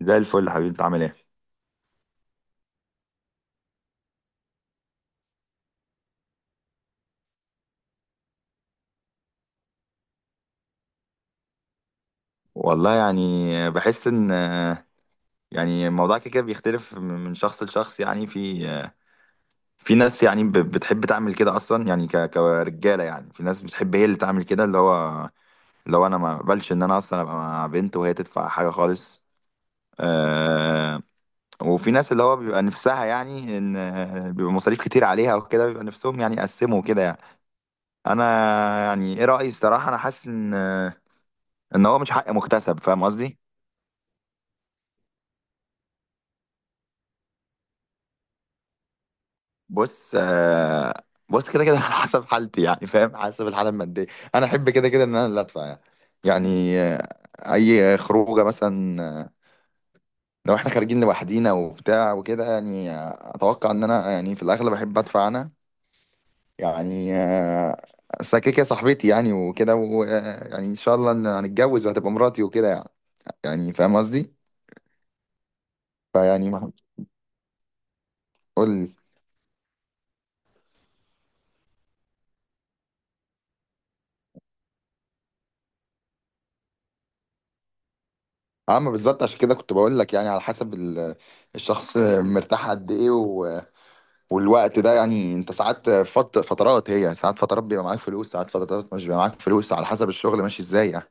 زي الفل يا حبيبي انت عامل ايه؟ والله يعني، بحس ان، يعني الموضوع كده كده بيختلف من شخص لشخص يعني. في ناس يعني بتحب تعمل كده اصلا يعني، كرجاله يعني. في ناس بتحب هي اللي تعمل كده. اللي هو لو انا ما بقبلش ان انا اصلا ابقى مع بنت وهي تدفع حاجه خالص. آه. وفي ناس اللي هو بيبقى نفسها، يعني ان بيبقى مصاريف كتير عليها وكده، بيبقى نفسهم يعني يقسموا كده يعني. انا يعني ايه رايي الصراحه، انا حاسس ان، ان هو مش حق مكتسب. فاهم قصدي؟ بص بص كده كده على حسب حالتي يعني، فاهم، حسب الحاله الماديه. انا احب كده كده ان انا اللي ادفع يعني. يعني اي خروجه مثلا لو احنا خارجين لوحدينا وبتاع وكده يعني، اتوقع ان انا يعني في الاغلب احب ادفع انا. يعني أصل كده كده صاحبتي يعني وكده، ويعني ان شاء الله ان هنتجوز وهتبقى مراتي وكده يعني. يعني فاهم قصدي؟ فيعني قول لي. اما بالظبط، عشان كده كنت بقول لك، يعني على حسب الشخص مرتاح قد ايه. والوقت ده يعني، انت ساعات فترات، هي يعني ساعات فترات بيبقى معاك فلوس، ساعات فترات مش بيبقى معاك فلوس، على حسب الشغل ماشي ازاي يعني.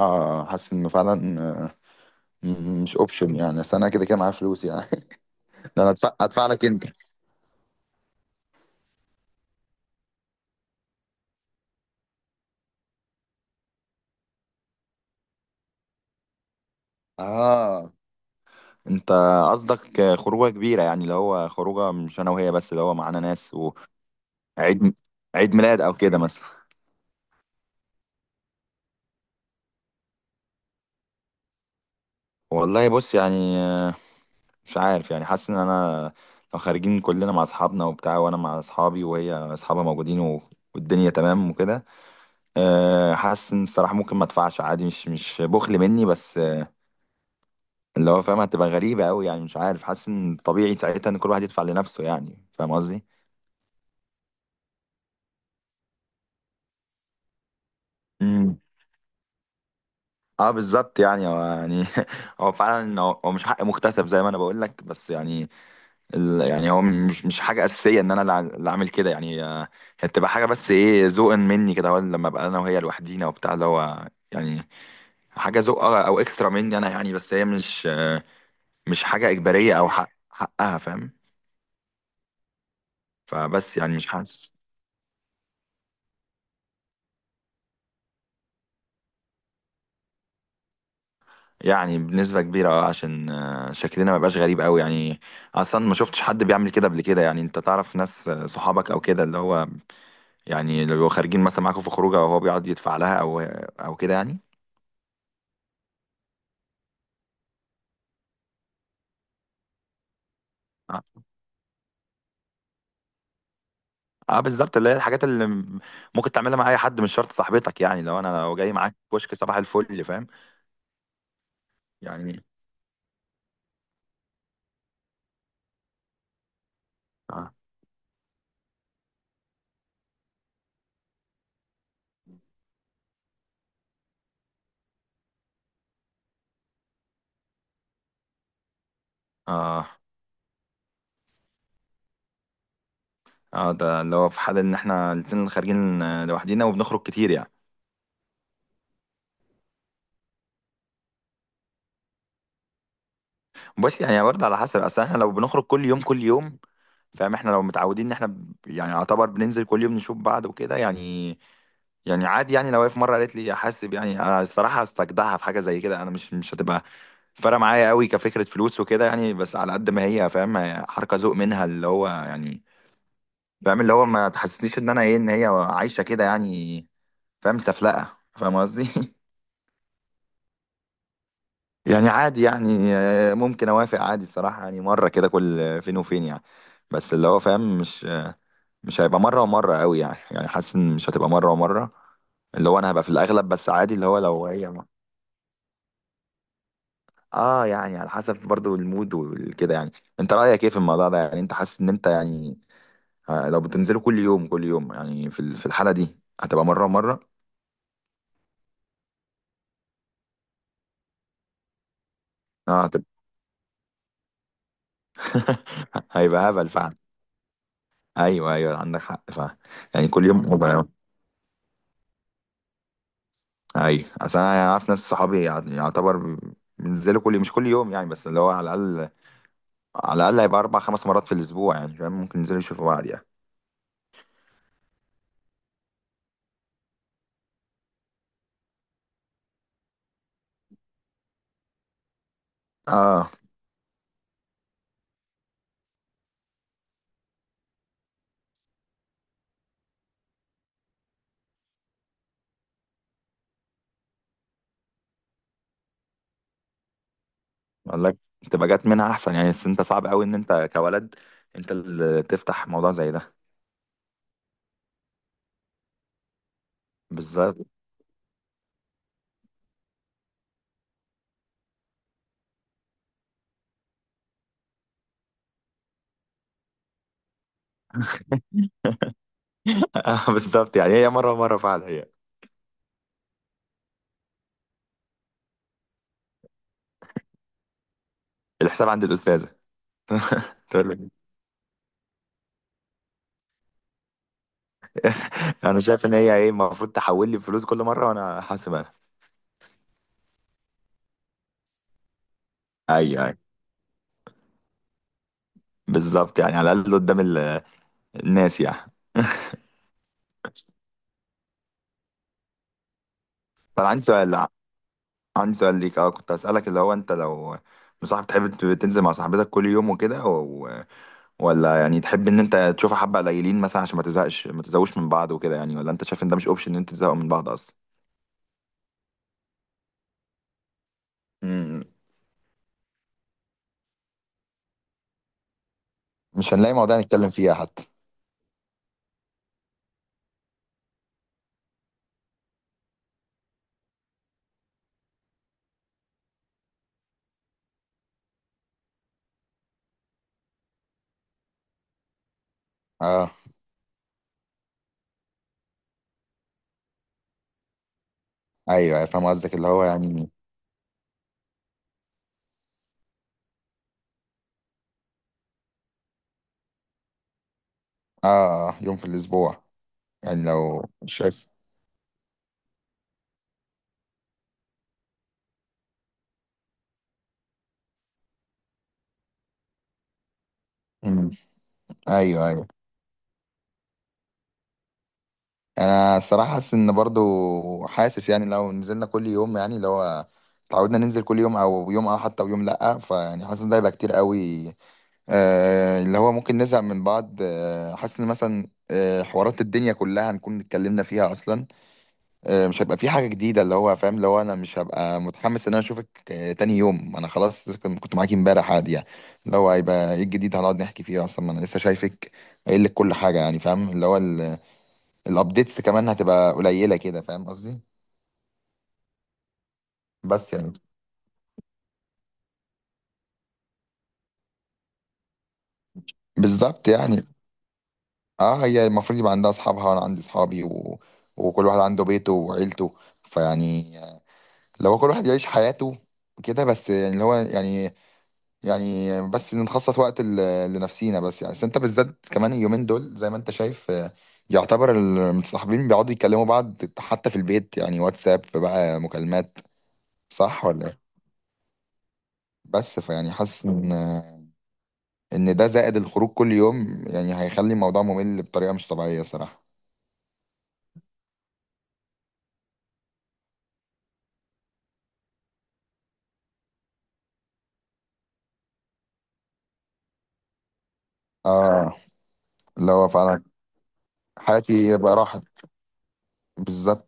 اه حاسس انه فعلا مش اوبشن يعني، بس انا كده كده معايا فلوس يعني. ده انا ادفع ادفع لك انت. اه. انت قصدك خروجه كبيره يعني، اللي هو خروجه مش انا وهي بس، اللي هو معانا ناس وعيد. عيد ميلاد او كده مثلا. والله بص يعني، مش عارف يعني، حاسس ان انا لو خارجين كلنا مع اصحابنا وبتاع، وانا مع اصحابي وهي اصحابها موجودين و... والدنيا تمام وكده، أه حاسس ان الصراحه ممكن ما ادفعش عادي. مش بخل مني، بس اللي هو فاهم، هتبقى غريبه قوي يعني. مش عارف، حاسس ان طبيعي ساعتها ان كل واحد يدفع لنفسه يعني. فاهم قصدي؟ امم اه بالظبط يعني. هو يعني هو فعلا، هو مش حق مكتسب زي ما انا بقول لك، بس يعني يعني هو مش حاجة أساسية إن أنا اللي أعمل كده يعني. هي بتبقى حاجة، بس إيه، ذوقا مني كده، هو لما أبقى أنا وهي لوحدينا وبتاع، اللي هو يعني حاجة ذوق أو أو إكسترا مني أنا يعني. بس هي مش مش حاجة إجبارية أو حق حقها. فاهم؟ فبس يعني مش حاسس. يعني بنسبة كبيرة أه، عشان شكلنا ما يبقاش غريب أوي يعني. أصلا ما شفتش حد بيعمل كده قبل كده يعني. أنت تعرف ناس صحابك أو كده، اللي هو يعني لو خارجين مثلا معاكوا في خروجه وهو بيقعد يدفع لها أو أو كده يعني. آه. اه بالظبط، اللي هي الحاجات ممكن تعملها مع اي حد، مش شرط صاحبتك يعني. لو انا لو جاي معاك كشك صباح الفل. فاهم يعني؟ اه. اه. اه ده اللي هو في حال ان احنا الاتنين خارجين لوحدينا وبنخرج كتير يعني. بس يعني برضه على حسب، اصل احنا لو بنخرج كل يوم، فاهم، احنا لو متعودين ان احنا يعني يعتبر بننزل كل يوم نشوف بعض وكده يعني. يعني عادي يعني، لو هي في مره قالت لي احاسب يعني، أنا الصراحه استجدعها في حاجه زي كده. انا مش هتبقى فارقه معايا قوي كفكره فلوس وكده يعني، بس على قد ما هي فاهم، هي حركه ذوق منها اللي هو يعني. فاهم، اللي هو ما تحسسنيش ان انا ايه، ان هي عايشه كده يعني. فاهم، سفلقه. فاهم قصدي؟ يعني عادي يعني ممكن اوافق عادي الصراحه يعني، مره كده كل فين وفين يعني. بس اللي هو فاهم، مش مش هيبقى مره ومره قوي يعني. يعني حاسس ان مش هتبقى مره ومره. اللي هو انا هبقى في الاغلب، بس عادي اللي هو لو هي. اه يعني على حسب برضو المود وكده يعني. انت رأيك ايه في الموضوع ده؟ يعني انت حاسس ان انت يعني لو بتنزلوا كل يوم يعني، في في الحالة دي هتبقى مرة مرة؟ اه هتبقى. هيبقى هبل فعلا. ايوه ايوه عندك حق فعلا. يعني كل يوم هبل. ايوه اصل انا يعني اعرف ناس صحابي يعتبر بينزلوا كل مش كل يوم يعني، بس اللي هو على الاقل، على الاقل هيبقى اربع خمس مرات في الاسبوع يعني. فاهم، ممكن ينزلوا يشوفوا بعض يعني. اه قال لك. تبقى جات منها احسن يعني، بس انت صعب قوي ان انت كولد، انت اللي تفتح موضوع زي ده. بالظبط. بالظبط يعني، هي مره مره فعلا هي. الحساب عند الاستاذه. تقول له انا شايف ان هي ايه، المفروض تحول لي فلوس كل مره وانا حاسب انا. ايوه ايوه بالظبط، يعني على الاقل قدام الناس يعني. طب عندي سؤال، عندي سؤال ليك، اه كنت اسالك اللي هو، انت لو مصاحب، تحب تنزل مع صاحبتك كل يوم وكده، ولا يعني تحب ان انت تشوفها حبة قليلين مثلا عشان ما تزهقش ما تزهقوش من بعض وكده يعني؟ ولا انت شايف ان ده مش اوبشن ان انت تزهقوا من بعض اصلا؟ مم. مش هنلاقي مواضيع نتكلم فيها حتى. اه ايوه فاهم قصدك اللي هو يعني. اه يوم في الاسبوع، يعني لو شايف. مم. ايوه ايوه. انا الصراحه حاسس ان برضو، حاسس يعني لو نزلنا كل يوم يعني، اللي هو اتعودنا ننزل كل يوم، او يوم اه حتى ويوم لا، فيعني حاسس ده هيبقى كتير قوي. اللي هو ممكن نزهق من بعض. حاسس ان مثلا حوارات الدنيا كلها هنكون اتكلمنا فيها اصلا. مش هيبقى في حاجه جديده اللي هو فاهم. اللي هو انا مش هبقى متحمس ان انا اشوفك تاني يوم، انا خلاص كنت معاكي امبارح عادي يعني. اللي هو هيبقى ايه الجديد هنقعد نحكي فيه اصلا، ما انا لسه شايفك قايل لك كل حاجه يعني. فاهم اللي هو الابديتس كمان هتبقى قليله كده. فاهم قصدي؟ بس يعني. بالظبط يعني. اه هي المفروض يبقى عندها اصحابها وانا عندي اصحابي و... وكل واحد عنده بيته وعيلته. فيعني لو كل واحد يعيش حياته كده بس يعني، اللي هو يعني يعني بس نخصص وقت لنفسينا بس يعني. بس انت بالذات كمان اليومين دول زي ما انت شايف يعتبر المتصاحبين بيقعدوا يكلموا بعض حتى في البيت يعني، واتساب بقى، مكالمات. صح ولا ايه؟ بس فيعني حاسس ان ان ده زائد الخروج كل يوم يعني هيخلي الموضوع ممل بطريقة مش طبيعية صراحة. اه اللي هو فعلا. حياتي بقى راحت. بالظبط.